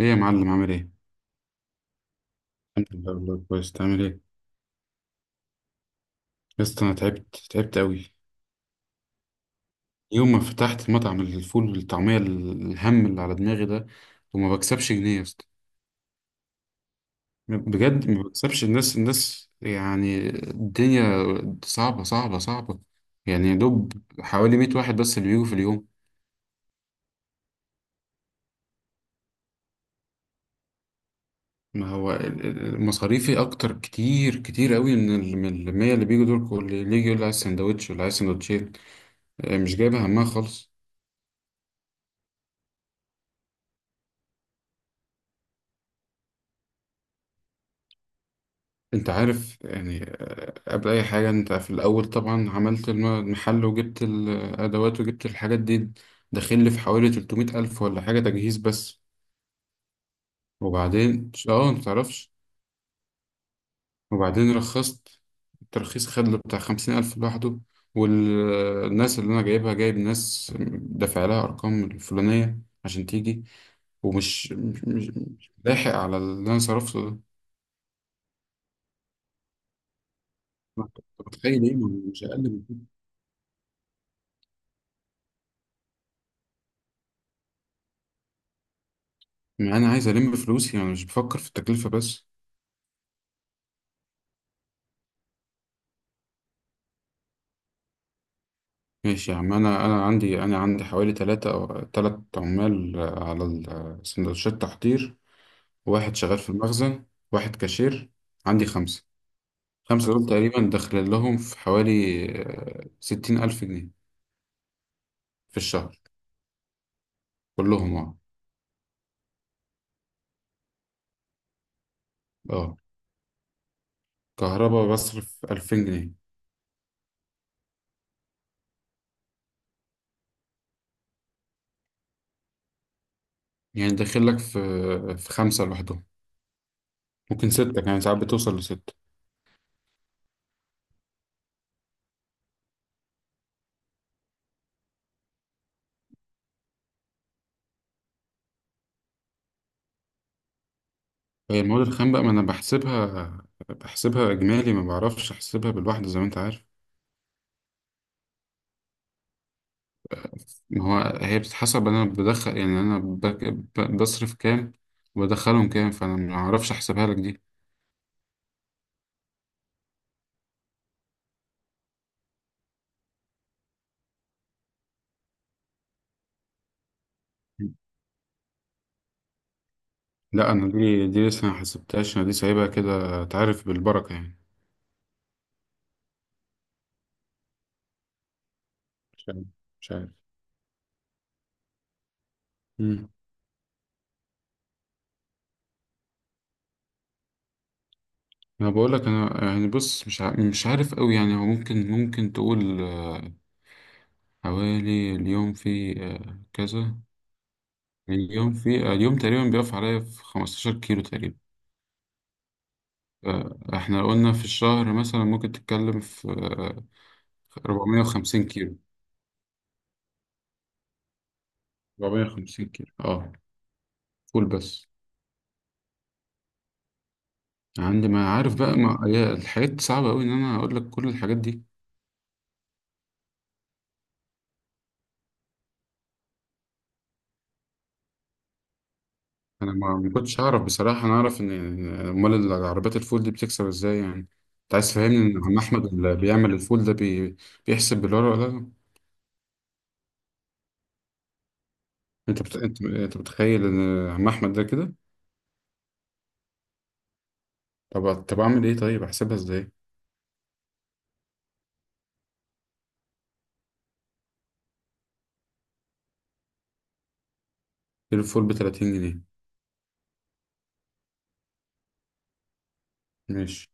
ايه يا معلم عامل ايه؟ الحمد لله والله كويس، تعمل ايه؟ يا اسطى انا تعبت تعبت قوي. يوم ما فتحت مطعم الفول والطعمية الهم اللي على دماغي ده، وما بكسبش جنيه يا اسطى. بجد ما بكسبش، الناس يعني الدنيا صعبة صعبة صعبة. يعني يا دوب حوالي 100 واحد بس اللي بيجوا في اليوم. ما هو مصاريفي اكتر كتير كتير قوي من ال 100 اللي بيجوا دول. كل اللي يجي يقول لي عايز سندوتش ولا عايز سندوتشين، مش جايبة همها خالص. انت عارف يعني قبل اي حاجة انت في الاول طبعا عملت المحل، وجبت الادوات وجبت الحاجات دي. داخل لي في حوالي 300 الف ولا حاجة تجهيز بس. وبعدين انت متعرفش. وبعدين رخصت، الترخيص خد له بتاع 50000 الف لوحده. والناس اللي انا جايبها، جايب ناس دافع لها ارقام الفلانية عشان تيجي، ومش مش مش مش لاحق على اللي انا صرفته ده. انت متخيل ايه؟ مش اقل. انا عايز فلوسي، انا مش بفكر في التكلفه بس. ماشي يا عم، انا عندي حوالي ثلاثة او ثلاث عمال على سندوتشات تحضير، واحد شغال في المخزن، واحد كاشير. عندي خمسة. خمسة دول تقريبا داخل لهم في حوالي 60000 جنيه في الشهر كلهم، اه. اه، كهرباء بصرف 2000 جنيه. يعني داخل لك في خمسة لوحدهم، ممكن ستة، يعني ساعات بتوصل لستة. هي المواد الخام بقى ما انا بحسبها اجمالي، ما بعرفش احسبها بالواحده زي ما انت عارف. ما هو هي بتتحسب، انا بدخل يعني انا بصرف كام وبدخلهم كام، فانا ما اعرفش احسبها لك دي. لا انا دي لسه ما حسبتهاش، انا دي سايبها كده تعرف بالبركه يعني. مش عارف، مش عارف. امم انا بقول لك، انا يعني بص، مش عارف قوي يعني. هو ممكن تقول حوالي اليوم في كذا. اليوم تقريبا بيقف عليا في 15 كيلو تقريبا. احنا قلنا في الشهر مثلا ممكن تتكلم في 450 كيلو. 450 كيلو اه، فول بس. عندي ما عارف بقى، ما هي الحاجات دي صعبة أوي إن أنا أقول لك كل الحاجات دي. أنا ما ما كنتش أعرف بصراحة، أنا أعرف إن أمال العربيات الفول دي بتكسب إزاي يعني. أنت عايز تفهمني إن عم أحمد اللي بيعمل الفول ده بيحسب بالورقة ولا لا؟ أنت متخيل إن عم أحمد ده كده؟ طب أعمل إيه طيب؟ أحسبها إزاي؟ الفول ب 30 جنيه. ماشي،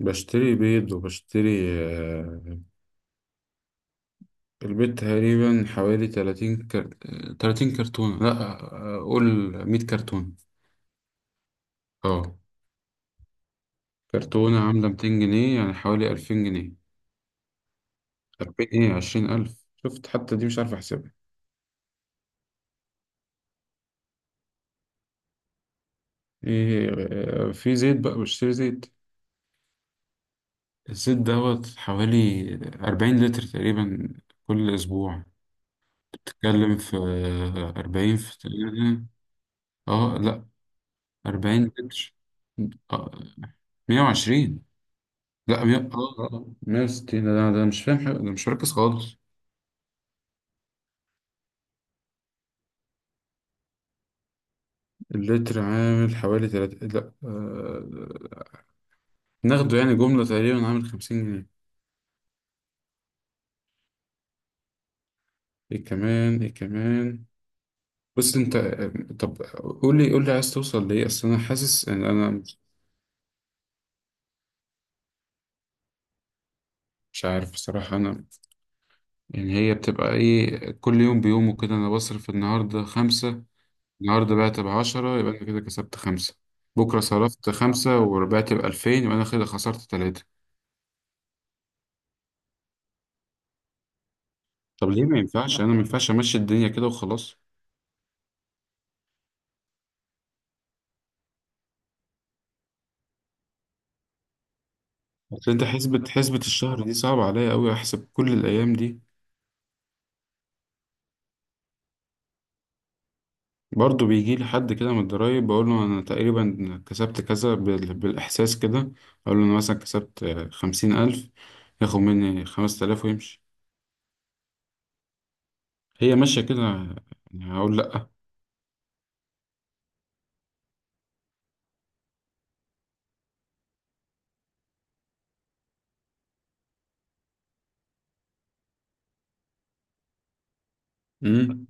بشتري بيض وبشتري آه، البيض تقريبا حوالي 30 كرتونة، لا قول 100 كرتونة، اه. كرتونة عاملة 200 جنيه يعني حوالي 2000 جنيه. 2000 ايه، 20000. شفت؟ حتى دي مش عارف احسبها. ايه، في زيت بقى، بشتري زيت. الزيت دوت حوالي 40 لتر تقريبا كل اسبوع. بتتكلم في 40 في تقريبا، اه لا، 40 لتر آه، 120. لا مية، 160. ده مش فاهم حاجة، ده مش مركز خالص. اللتر عامل حوالي تلات، لا ناخده يعني جملة تقريبا عامل 50 جنيه. ايه كمان؟ ايه كمان؟ بص انت طب قول لي عايز توصل لإيه؟ اصل انا حاسس ان انا مش، مش عارف بصراحة انا. يعني هي بتبقى ايه؟ كل يوم بيومه كده انا بصرف النهاردة خمسة، النهاردة بعت بعشرة يبقى انا كده كسبت خمسة. بكرة صرفت خمسة وربحت ب2000 يبقى أنا كده خسرت تلاتة. طب ليه ما ينفعش؟ انا ما ينفعش امشي الدنيا كده وخلاص؟ اصل انت، حسبة الشهر دي صعبة عليا قوي، احسب كل الايام دي. برضه بيجي لي حد كده من الضرايب بقول له انا تقريبا كسبت كذا بالاحساس كده. اقول له انا مثلا كسبت 50000، ياخد مني 5000 ويمشي. هي ماشية كده يعني، هقول لأ؟ مم.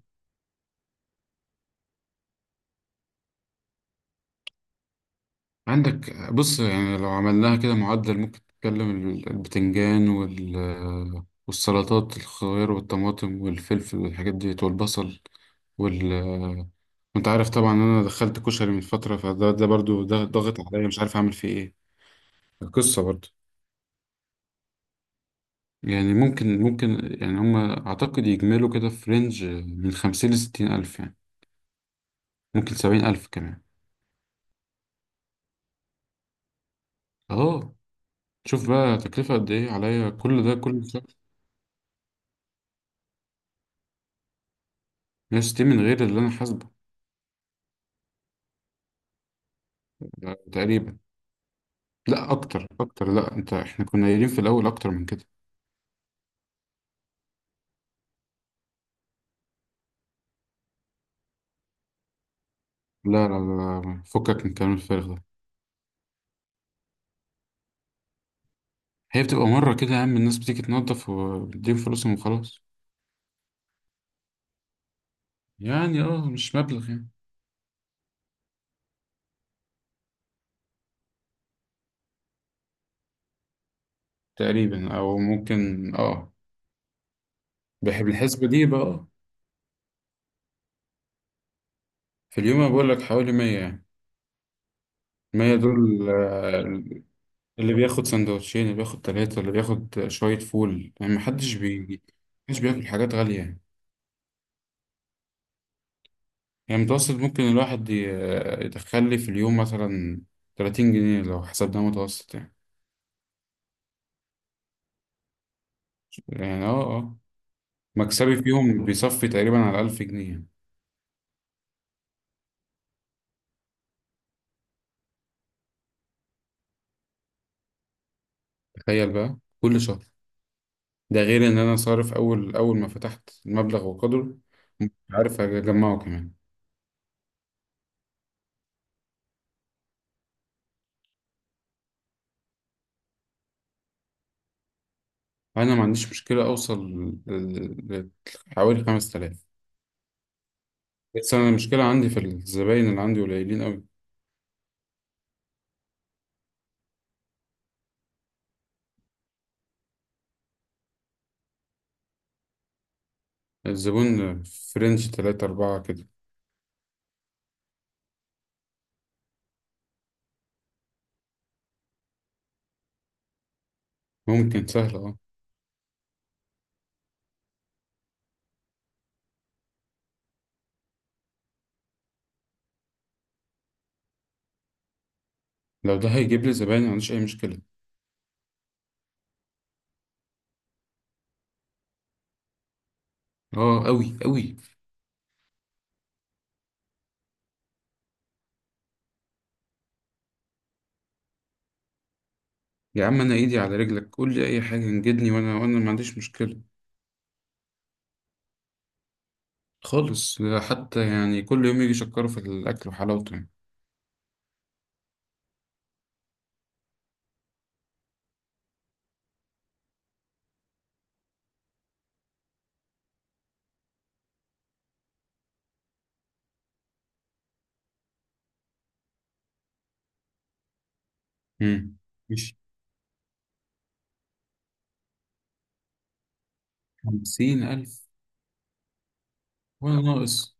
عندك بص، يعني لو عملناها كده معدل ممكن تتكلم البتنجان والسلطات، الخيار والطماطم والفلفل والحاجات دي والبصل وال انت عارف طبعا ان انا دخلت كشري من فترة، فده برضو ده ضاغط عليا مش عارف اعمل فيه ايه، القصة برضو. يعني ممكن يعني هما اعتقد يجملوا كده في رينج من خمسين لستين الف يعني، ممكن 70000 كمان. اه، شوف بقى تكلفة قد ايه عليا كل ده كل شهر. 160 من غير اللي انا حاسبه ده تقريبا. لا اكتر اكتر، لا انت، احنا كنا قايلين في الاول اكتر من كده. لا لا لا، فكك من الكلام الفارغ ده. هي بتبقى مرة كده يا عم، الناس بتيجي تنظف وبتديهم فلوسهم وخلاص. يعني اه، مش مبلغ يعني. تقريبا او ممكن، اه. بحب الحسبة دي بقى، اه. في اليوم انا بقول لك حوالي 100 يعني. 100 دول اللي بياخد سندوتشين، اللي بياخد ثلاثة، اللي بياخد شوية فول. يعني محدش بيجي، محدش بياكل حاجات غالية يعني. يعني متوسط ممكن الواحد يدخل لي في اليوم مثلا 30 جنيه لو حسبناه متوسط يعني. يعني مكسبي فيهم بيصفي تقريبا على 1000 جنيه يعني. تخيل بقى كل شهر، ده غير ان انا صارف اول اول ما فتحت المبلغ وقدره، مش عارف اجمعه كمان. انا ما عنديش مشكله اوصل ل- ل- حوالي 5000. بس انا المشكله عندي في الزباين، اللي عندي قليلين قوي. الزبون في رينج 3 4 كده. ممكن سهل، اه. لو ده هيجيب لي زباين ما عنديش اي مشكله. اه قوي قوي. يا عم انا ايدي على رجلك قول لي اي حاجه انجدني، وانا ما عنديش مشكله خالص. حتى يعني كل يوم يجي يشكروا في الاكل وحلاوته يعني. امم مش 50000 ولا ناقص؟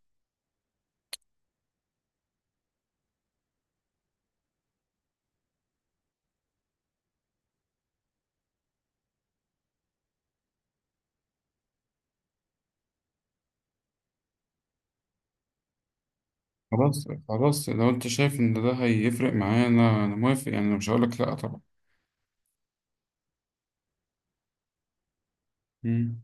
خلاص خلاص، لو انت شايف ان ده هيفرق معايا انا موافق يعني، انا مش هقولك لا طبعا. مم.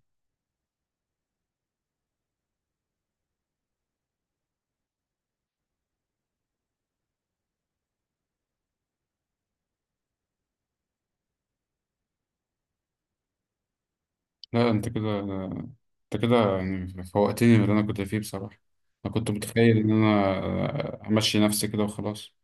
لا انت كده، يعني فوقتني من اللي انا كنت فيه بصراحة. انا كنت متخيل ان انا همشي نفسي كده وخلاص.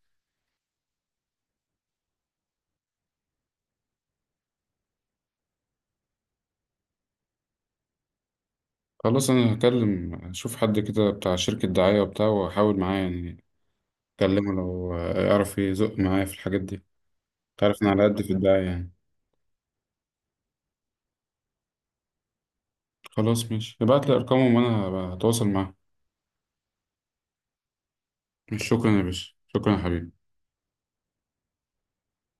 خلاص، انا هكلم اشوف حد كده بتاع شركة دعاية وبتاع، واحاول معاه يعني. اكلمه لو يعرف يزق معايا في الحاجات دي. تعرف انا على قد في الدعاية يعني. خلاص ماشي، ابعت لي ارقامهم وانا هتواصل معاه. شكرا يا باشا، شكرا يا حبيبي.